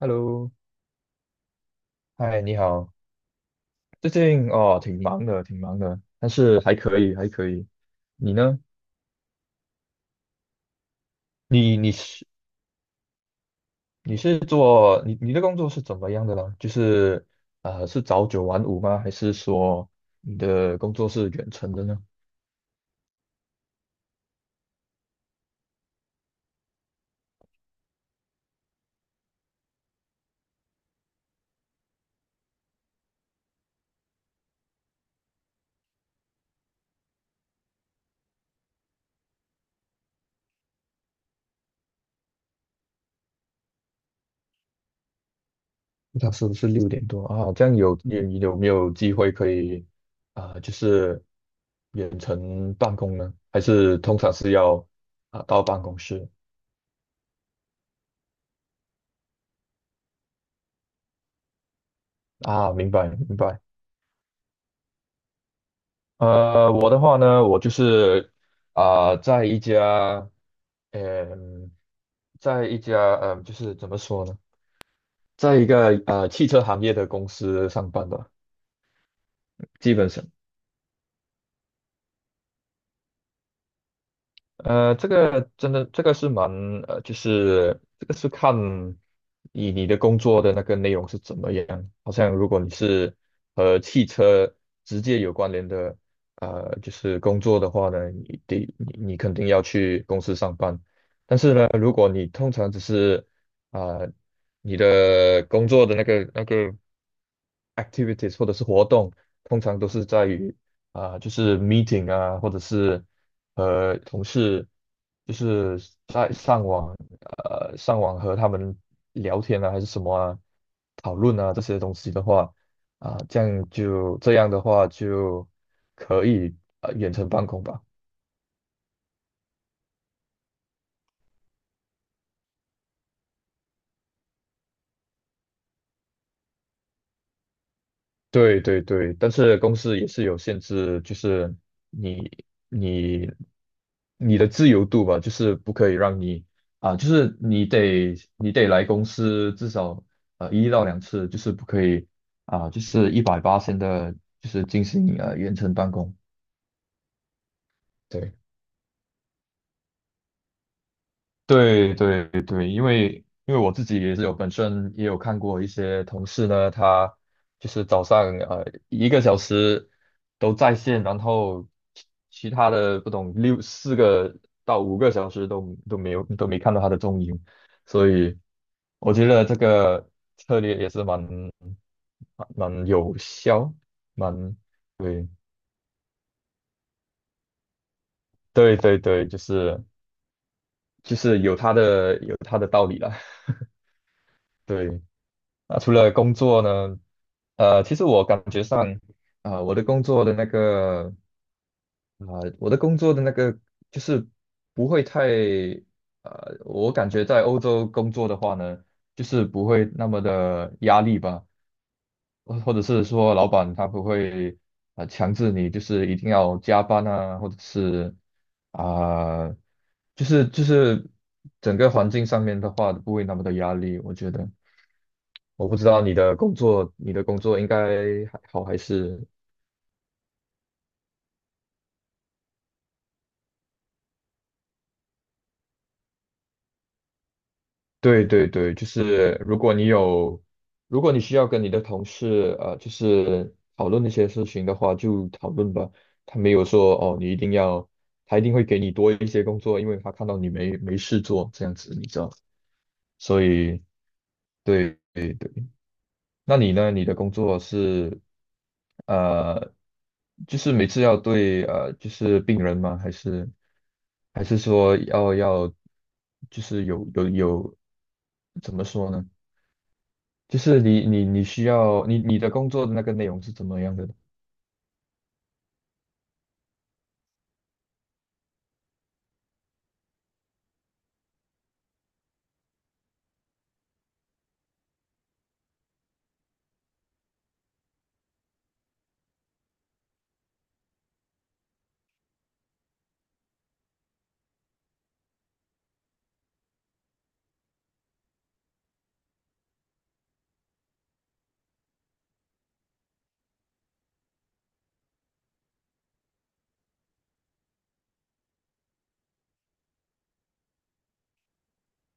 Hello，嗨，你好。最近哦，挺忙的，挺忙的，但是还可以，还可以。你呢？你你是你是做你的工作是怎么样的呢？就是是早九晚五吗？还是说你的工作是远程的呢？那是不是六点多啊？这样你有没有机会可以就是远程办公呢？还是通常是要到办公室啊？明白明白。我的话呢，我就是啊、在一家，嗯、在一家，嗯、就是怎么说呢，在一个汽车行业的公司上班的。这个真的，这个是蛮就是这个是看你的工作的那个内容是怎么样。好像如果你是和汽车直接有关联的，就是工作的话呢，你得你你肯定要去公司上班。但是呢，如果你通常只是啊、呃你的工作的那个。Activities 或者是活动，通常都是在于就是 meeting 啊，或者是同事，就是在上网，上网和他们聊天啊，还是什么啊，讨论啊这些东西的话，就这样的话就可以远程办公吧。对对对，但是公司也是有限制，就是你你你的自由度吧，就是不可以让你啊，就是你得来公司至少一到两次，就是不可以啊，就是180的，就是进行远程办公。对。对对对，因为我自己也是有本身也有看过一些同事呢，他就是早上一个小时都在线，然后其其他的不懂4到5个小时都没看到他的踪影，所以我觉得这个策略也是蛮有效，蛮对对对对，就是有有它的道理了，对。啊，除了工作呢，其实我感觉上，啊、我的工作的那个，啊、我的工作的那个就是不会太，我感觉在欧洲工作的话呢，就是不会那么的压力吧，或者是说老板他不会，强制你就是一定要加班啊，或者是啊、就是整个环境上面的话不会那么的压力，我觉得，我不知道你的工作，你的工作应该还好还是？对对对，就是如果你有，如果你需要跟你的同事就是讨论一些事情的话，就讨论吧。他没有说哦，你一定要，他一定会给你多一些工作，因为他看到你没事做这样子，你知道。所以，对对对，那你呢？你的工作是呃，就是每次要对就是病人吗？还是说要，就是有怎么说呢？就是你你你需要你你的工作的那个内容是怎么样的？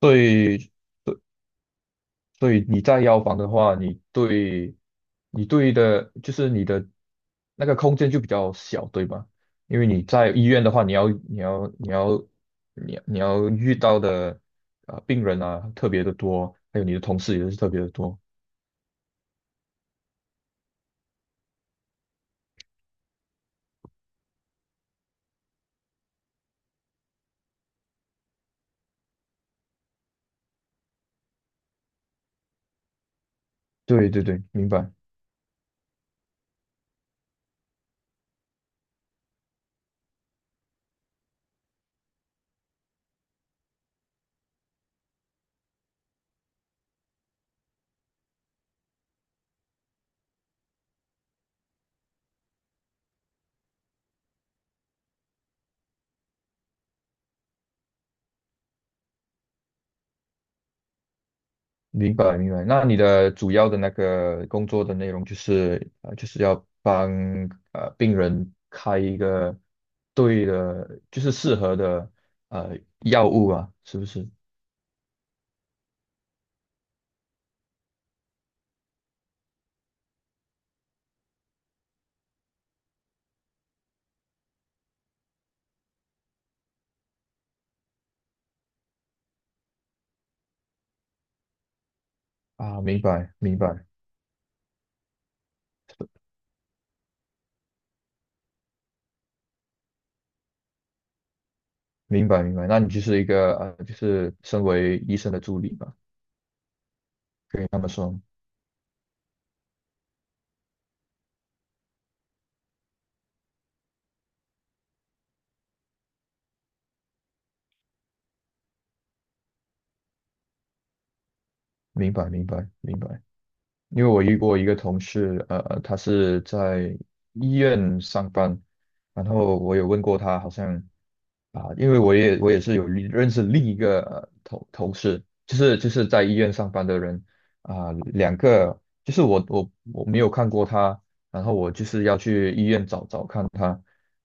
对。所以你在药房的话，你对，你对的，就是你的那个空间就比较小，对吧？因为你在医院的话，你要遇到的病人啊特别的多，还有你的同事也是特别的多。对对对，明白明白明白。那你的主要的那个工作的内容就是要帮病人开一个对的，就是适合的呃药物啊，是不是？啊，明白，明白，明白，明白。那你就是一个就是身为医生的助理吧，可以那么说。明白，明白，明白。因为我遇过一个同事，他是在医院上班，然后我有问过他，好像。因为我也是有另认识另一个同事，就是在医院上班的人啊，两个就是我没有看过他，然后我就是要去医院找找看他，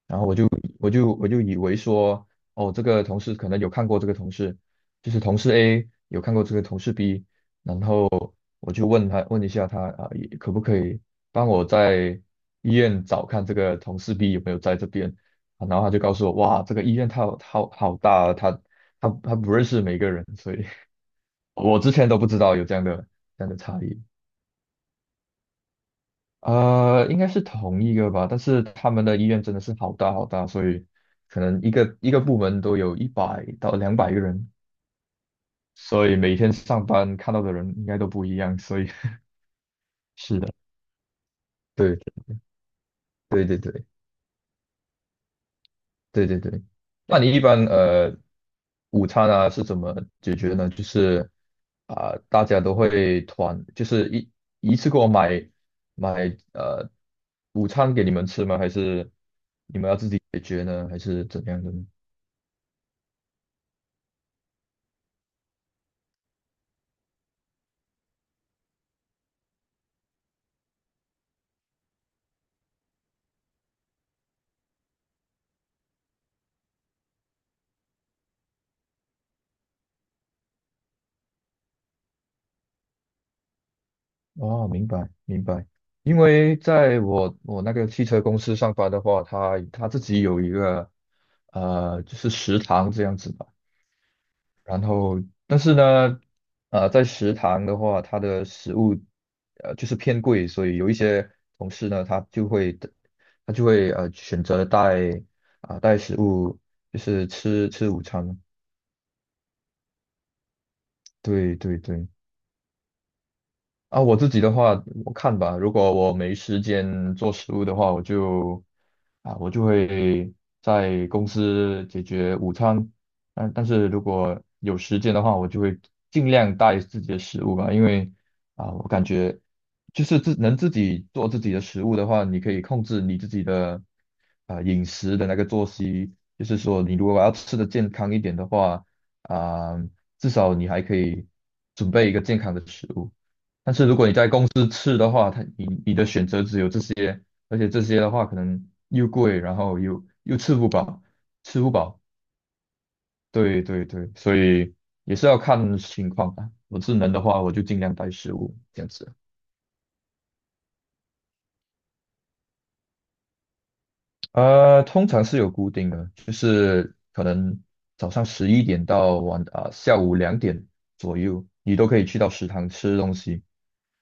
然后我就以为说哦这个同事可能有看过这个同事，就是同事 A 有看过这个同事 B,然后我就问一下他啊也可不可以帮我在医院找看这个同事 B 有没有在这边。然后他就告诉我，哇，这个医院它好好好大啊，他不认识每个人，所以我之前都不知道有这样的差异。应该是同一个吧，但是他们的医院真的是好大好大，所以可能一个一个部门都有100到200个人，所以每天上班看到的人应该都不一样，所以 是的，对对对对。对对对，那你一般午餐啊是怎么解决呢？就是大家都会团，就是一次给我买呃午餐给你们吃吗？还是你们要自己解决呢？还是怎样的呢？哦，明白明白。因为在我那个汽车公司上班的话，他自己有一个就是食堂这样子吧。然后，但是呢，在食堂的话，它的食物就是偏贵，所以有一些同事呢，他就会选择带带食物，就是吃吃午餐。对对对，我自己的话，我看吧。如果我没时间做食物的话，我就会在公司解决午餐。但是如果有时间的话，我就会尽量带自己的食物吧，因为啊，我感觉就是自己做自己的食物的话，你可以控制你自己的饮食的那个作息。就是说，你如果要吃的健康一点的话，啊，至少你还可以准备一个健康的食物。但是如果你在公司吃的话，你的选择只有这些，而且这些的话可能又贵，然后又吃不饱，吃不饱。对对对，所以也是要看情况啊。我智能的话，我就尽量带食物这样子。通常是有固定的，就是可能早上十一点到下午2点左右，你都可以去到食堂吃东西。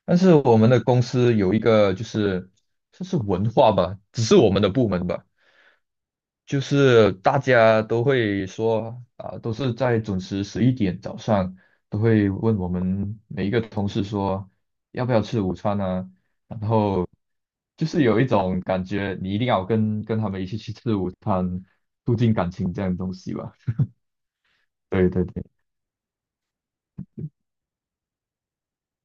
但是我们的公司有一个就是这是文化吧，只是我们的部门吧。就是大家都会说啊，都是在准时十一点早上都会问我们每一个同事说要不要吃午餐啊，然后就是有一种感觉，你一定要跟他们一起去吃午餐，促进感情这样的东西吧。对对对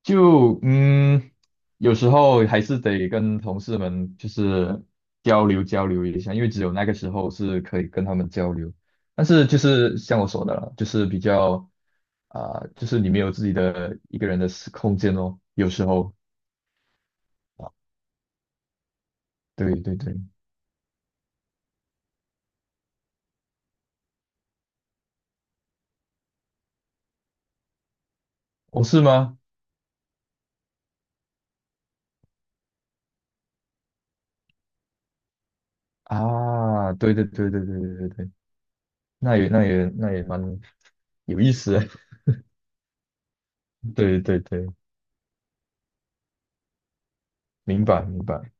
就嗯，有时候还是得跟同事们就是交流交流一下，因为只有那个时候是可以跟他们交流。但是就是像我说的了，就是比较就是你没有自己的一个人的私空间哦，有时候。啊对对对。哦，是吗？对对对对对对对对。那也蛮有意思的 对对对，明白明白。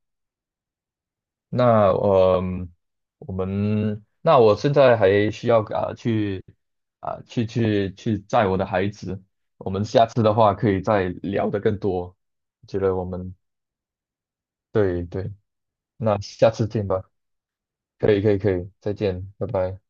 那呃，嗯我们我现在还需要啊、去啊、去去去载我的孩子，我们下次的话可以再聊得更多。觉得我们对对。那下次见吧，可以可以可以，再见，拜拜。